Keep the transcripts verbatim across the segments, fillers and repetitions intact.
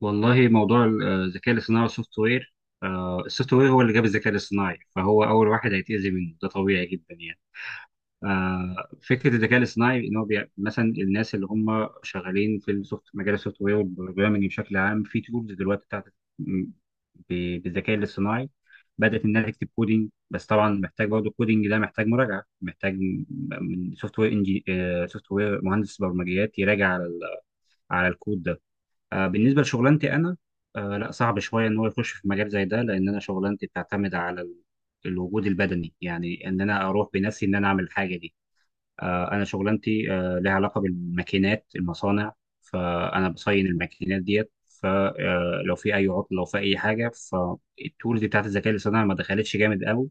والله موضوع ال- آه، الذكاء الاصطناعي والسوفت وير. آه، السوفت وير هو اللي جاب الذكاء الاصطناعي، فهو اول واحد هيتأذي منه، ده طبيعي جدا يعني. آه، فكره الذكاء الاصطناعي ان هو بي... مثلا الناس اللي هم شغالين في السوفت مجال السوفت وير والبروجرامنج بشكل عام، في تولز دلوقتي بتاعت م- ب- بالذكاء الاصطناعي بدات انها تكتب كودينج، بس طبعا محتاج برضه، الكودينج ده محتاج مراجعه، محتاج م- من سوفت وير انجي سوفت وير، مهندس برمجيات يراجع على ال... على الكود ده. آه، بالنسبه لشغلانتي انا، آه، لا، صعب شويه ان هو يخش في مجال زي ده، لان انا شغلانتي بتعتمد على ال- الوجود البدني، يعني ان انا اروح بنفسي، ان انا اعمل الحاجه دي. آه، انا شغلانتي آه، لها علاقه بالماكينات، المصانع، فانا بصين الماكينات ديت، فلو في اي عطل، لو في اي حاجه، فالتولز بتاعت الذكاء الاصطناعي ما دخلتش جامد قوي،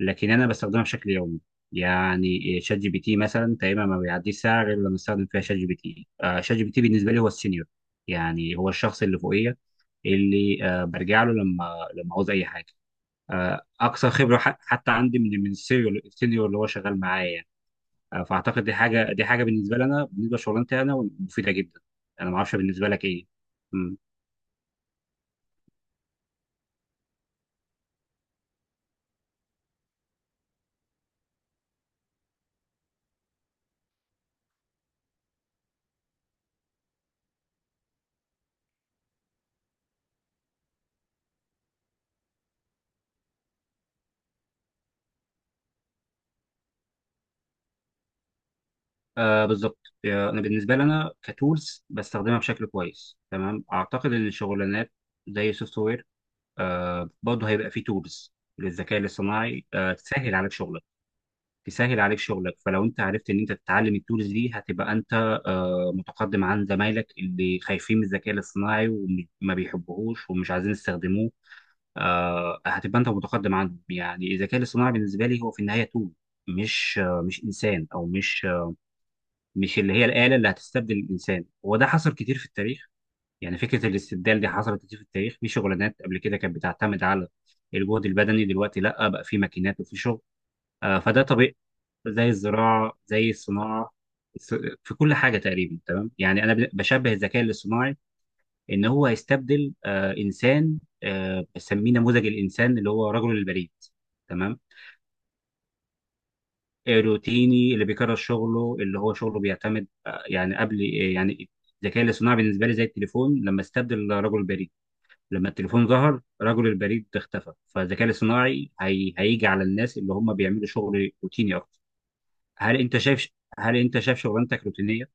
لكن انا بستخدمها بشكل يومي. يعني شات جي بي تي مثلا تقريبا ما بيعديش ساعه غير لما استخدم فيها شات جي بي تي. آه، شات جي بي تي بالنسبه لي هو السينيور، يعني هو الشخص اللي فوقيه، اللي آه، برجع له لما لما عاوز اي حاجه، آه، اكثر خبره ح- حتى عندي، من من السينيور السينيور اللي هو شغال معايا يعني. آه، فاعتقد دي حاجه دي حاجه بالنسبه لي انا، بالنسبه لشغلانتي انا مفيده جدا. انا ما اعرفش بالنسبه لك ايه. آه بالظبط. آه، انا بالنسبه لي، انا كتولز بستخدمها بشكل كويس تمام. اعتقد ان الشغلانات زي سوفت وير آه برضه هيبقى فيه تولز للذكاء الاصطناعي آه تسهل عليك شغلك. تسهل عليك شغلك، فلو انت عرفت ان انت تتعلم التولز دي، هتبقى انت آه متقدم عن زمايلك اللي خايفين من الذكاء الاصطناعي، وما بيحبوهوش ومش عايزين يستخدموه. آه هتبقى انت متقدم عنهم، يعني الذكاء الاصطناعي بالنسبه لي هو في النهايه تول، مش آه، مش انسان، او مش مش اللي هي الآلة اللي هتستبدل الإنسان، وده حصل كتير في التاريخ. يعني فكرة الاستبدال دي حصلت كتير في التاريخ، في شغلانات قبل كده كانت بتعتمد على الجهد البدني، دلوقتي لا، بقى في ماكينات وفي شغل. آه فده طبيعي، زي الزراعة زي الصناعة، الص- في كل حاجة تقريبا، تمام؟ يعني أنا ب- بشبه الذكاء الاصطناعي إن هو هيستبدل آه إنسان، آه بسميه نموذج الإنسان اللي هو رجل البريد، تمام. روتيني اللي بيكرر شغله، اللي هو شغله بيعتمد، آه، يعني قبل، آه، يعني الذكاء الاصطناعي بالنسبه لي زي التليفون لما استبدل رجل البريد. لما التليفون ظهر رجل البريد اختفى، فالذكاء الاصطناعي هي... هيجي على الناس اللي هم بيعملوا شغل روتيني اكتر. هل انت شايف هل انت شايف شغلانتك روتينيه؟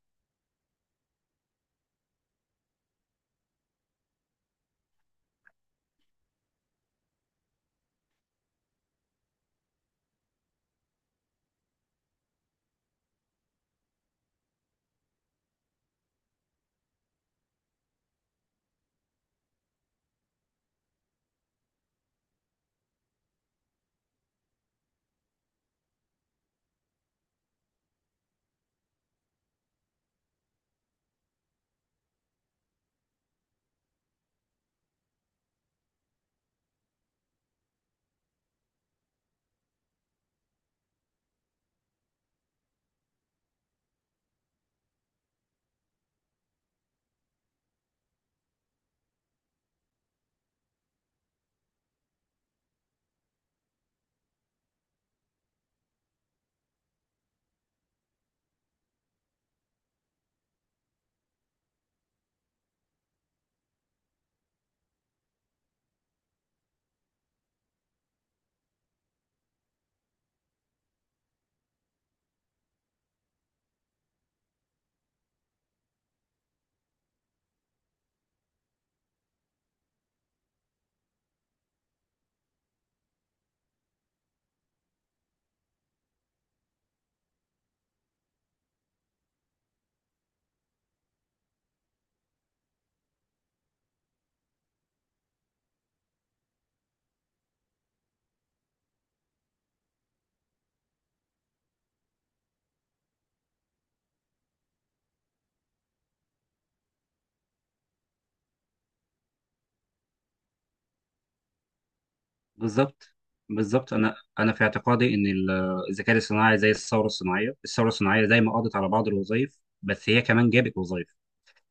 بالظبط. بالظبط، انا انا في اعتقادي ان ال- الذكاء الاصطناعي زي الثوره الصناعيه. الثوره الصناعيه زي ما قضت على بعض الوظائف، بس هي كمان جابت وظائف،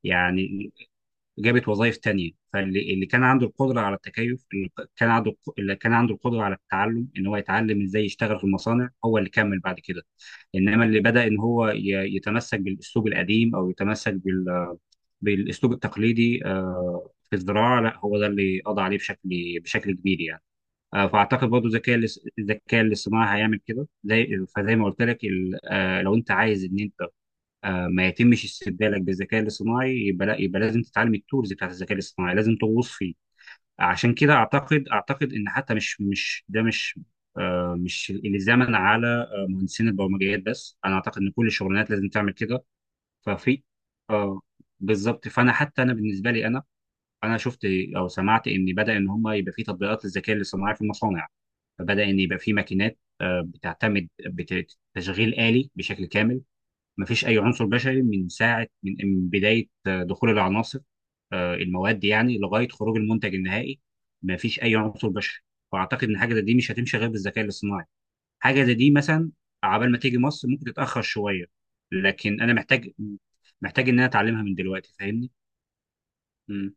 يعني جابت وظائف تانية. فاللي اللي كان عنده القدرة على التكيف، اللي كان عنده الق- اللي كان عنده القدرة على التعلم، ان هو يتعلم ازاي يشتغل في المصانع، هو اللي كمل بعد كده. انما اللي بدأ ان هو ي- يتمسك بالاسلوب القديم، او يتمسك بال- بالاسلوب التقليدي آه، في الزراعة، لا، هو ده اللي قضى عليه بشكل بشكل كبير يعني. آه، فاعتقد برضه الذكاء الاص- الذكاء الاصطناعي هيعمل كده، زي فزي ما قلت لك، ال- آه، لو انت عايز ان انت آه، ما يتمش استبدالك بالذكاء الاصطناعي، يبقى لا، يبقى لازم تتعلم التولز بتاعت الذكاء الاصطناعي، لازم تغوص فيه. عشان كده اعتقد، اعتقد ان حتى مش مش ده مش آه، مش الزمن على آه، مهندسين البرمجيات بس، انا اعتقد ان كل الشغلانات لازم تعمل كده. ففي اه بالظبط، فانا حتى انا بالنسبه لي انا انا شفت او سمعت ان بدا ان هم يبقى في تطبيقات للذكاء الاصطناعي في المصانع، فبدا ان يبقى في ماكينات آه، بتعتمد بتشغيل آلي بشكل كامل، مفيش اي عنصر بشري، من ساعه من من بدايه آه، دخول العناصر، آه، المواد، يعني لغايه خروج المنتج النهائي، مفيش اي عنصر بشري. فاعتقد ان حاجه زي دي مش هتمشي غير بالذكاء الاصطناعي. حاجه زي دي مثلا عبال ما تيجي مصر ممكن تتاخر شويه، لكن انا محتاج، محتاج ان انا اتعلمها من دلوقتي، فاهمني؟ مم.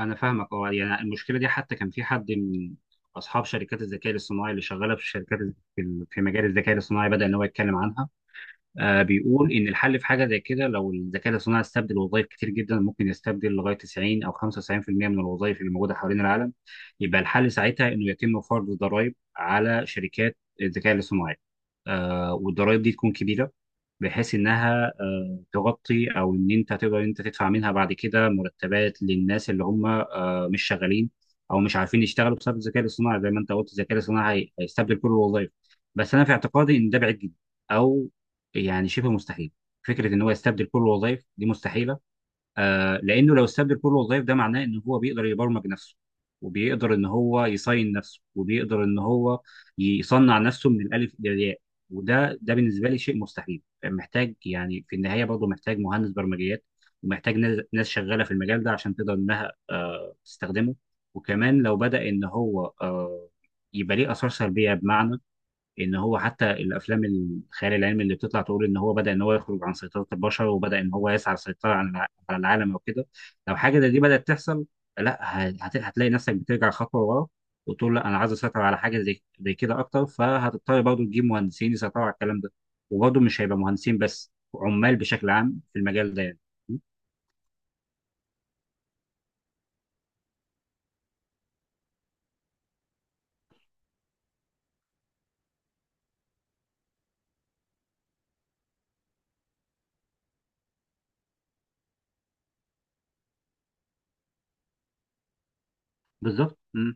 انا فاهمك. اه يعني المشكله دي، حتى كان في حد من اصحاب شركات الذكاء الاصطناعي اللي شغاله في الشركات في في مجال الذكاء الاصطناعي بدا ان هو يتكلم عنها. آه، بيقول إن الحل في حاجة زي كده. لو الذكاء الاصطناعي استبدل وظائف كتير جدا، ممكن يستبدل لغاية تسعين أو خمسة وتسعين في المية من الوظائف اللي موجودة حوالين العالم، يبقى الحل ساعتها إنه يتم فرض ضرائب على شركات الذكاء الاصطناعي. آه، والضرائب دي تكون كبيرة، بحيث انها آه، تغطي، او ان انت تقدر انت تدفع منها بعد كده مرتبات للناس اللي هم آه، مش شغالين، او مش عارفين يشتغلوا بسبب الذكاء الاصطناعي. زي ما انت قلت الذكاء الاصطناعي هي- هيستبدل كل الوظائف. بس انا في اعتقادي ان ده بعيد جدا، او يعني شبه مستحيل. فكره ان هو يستبدل كل الوظائف دي مستحيله. آه لانه لو استبدل كل الوظائف، ده معناه ان هو بيقدر يبرمج نفسه، وبيقدر ان هو يصين نفسه، وبيقدر ان هو يصنع نفسه من الالف للياء. وده ده بالنسبه لي شيء مستحيل، محتاج، يعني في النهايه برضه محتاج مهندس برمجيات ومحتاج ناس، ناس شغاله في المجال ده عشان تقدر انها آه تستخدمه. وكمان لو بدا ان هو آه يبقى ليه اثار سلبيه، بمعنى ان هو حتى الافلام الخيال العلمي اللي بتطلع تقول ان هو بدا ان هو يخرج عن سيطره البشر، وبدا ان هو يسعى للسيطره على الع- على العالم او كده، لو حاجه زي دي بدات تحصل، لا، ه- هت- هتلاقي نفسك بترجع خطوه ورا، وتقول لا، انا عايز اسيطر على حاجه زي زي كده اكتر، فهتضطر برضه تجيب مهندسين يسيطروا على الكلام ده. وبرضه مش هيبقى مهندسين بس، عمال بشكل عام في المجال ده يعني. م؟ بالظبط. م.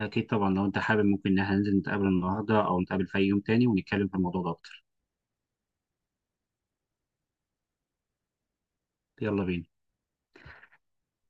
اكيد طبعا. لو انت حابب، ممكن ان احنا ننزل نتقابل النهارده، او نتقابل في اي يوم تاني ونتكلم في الموضوع ده اكتر. يلا بينا.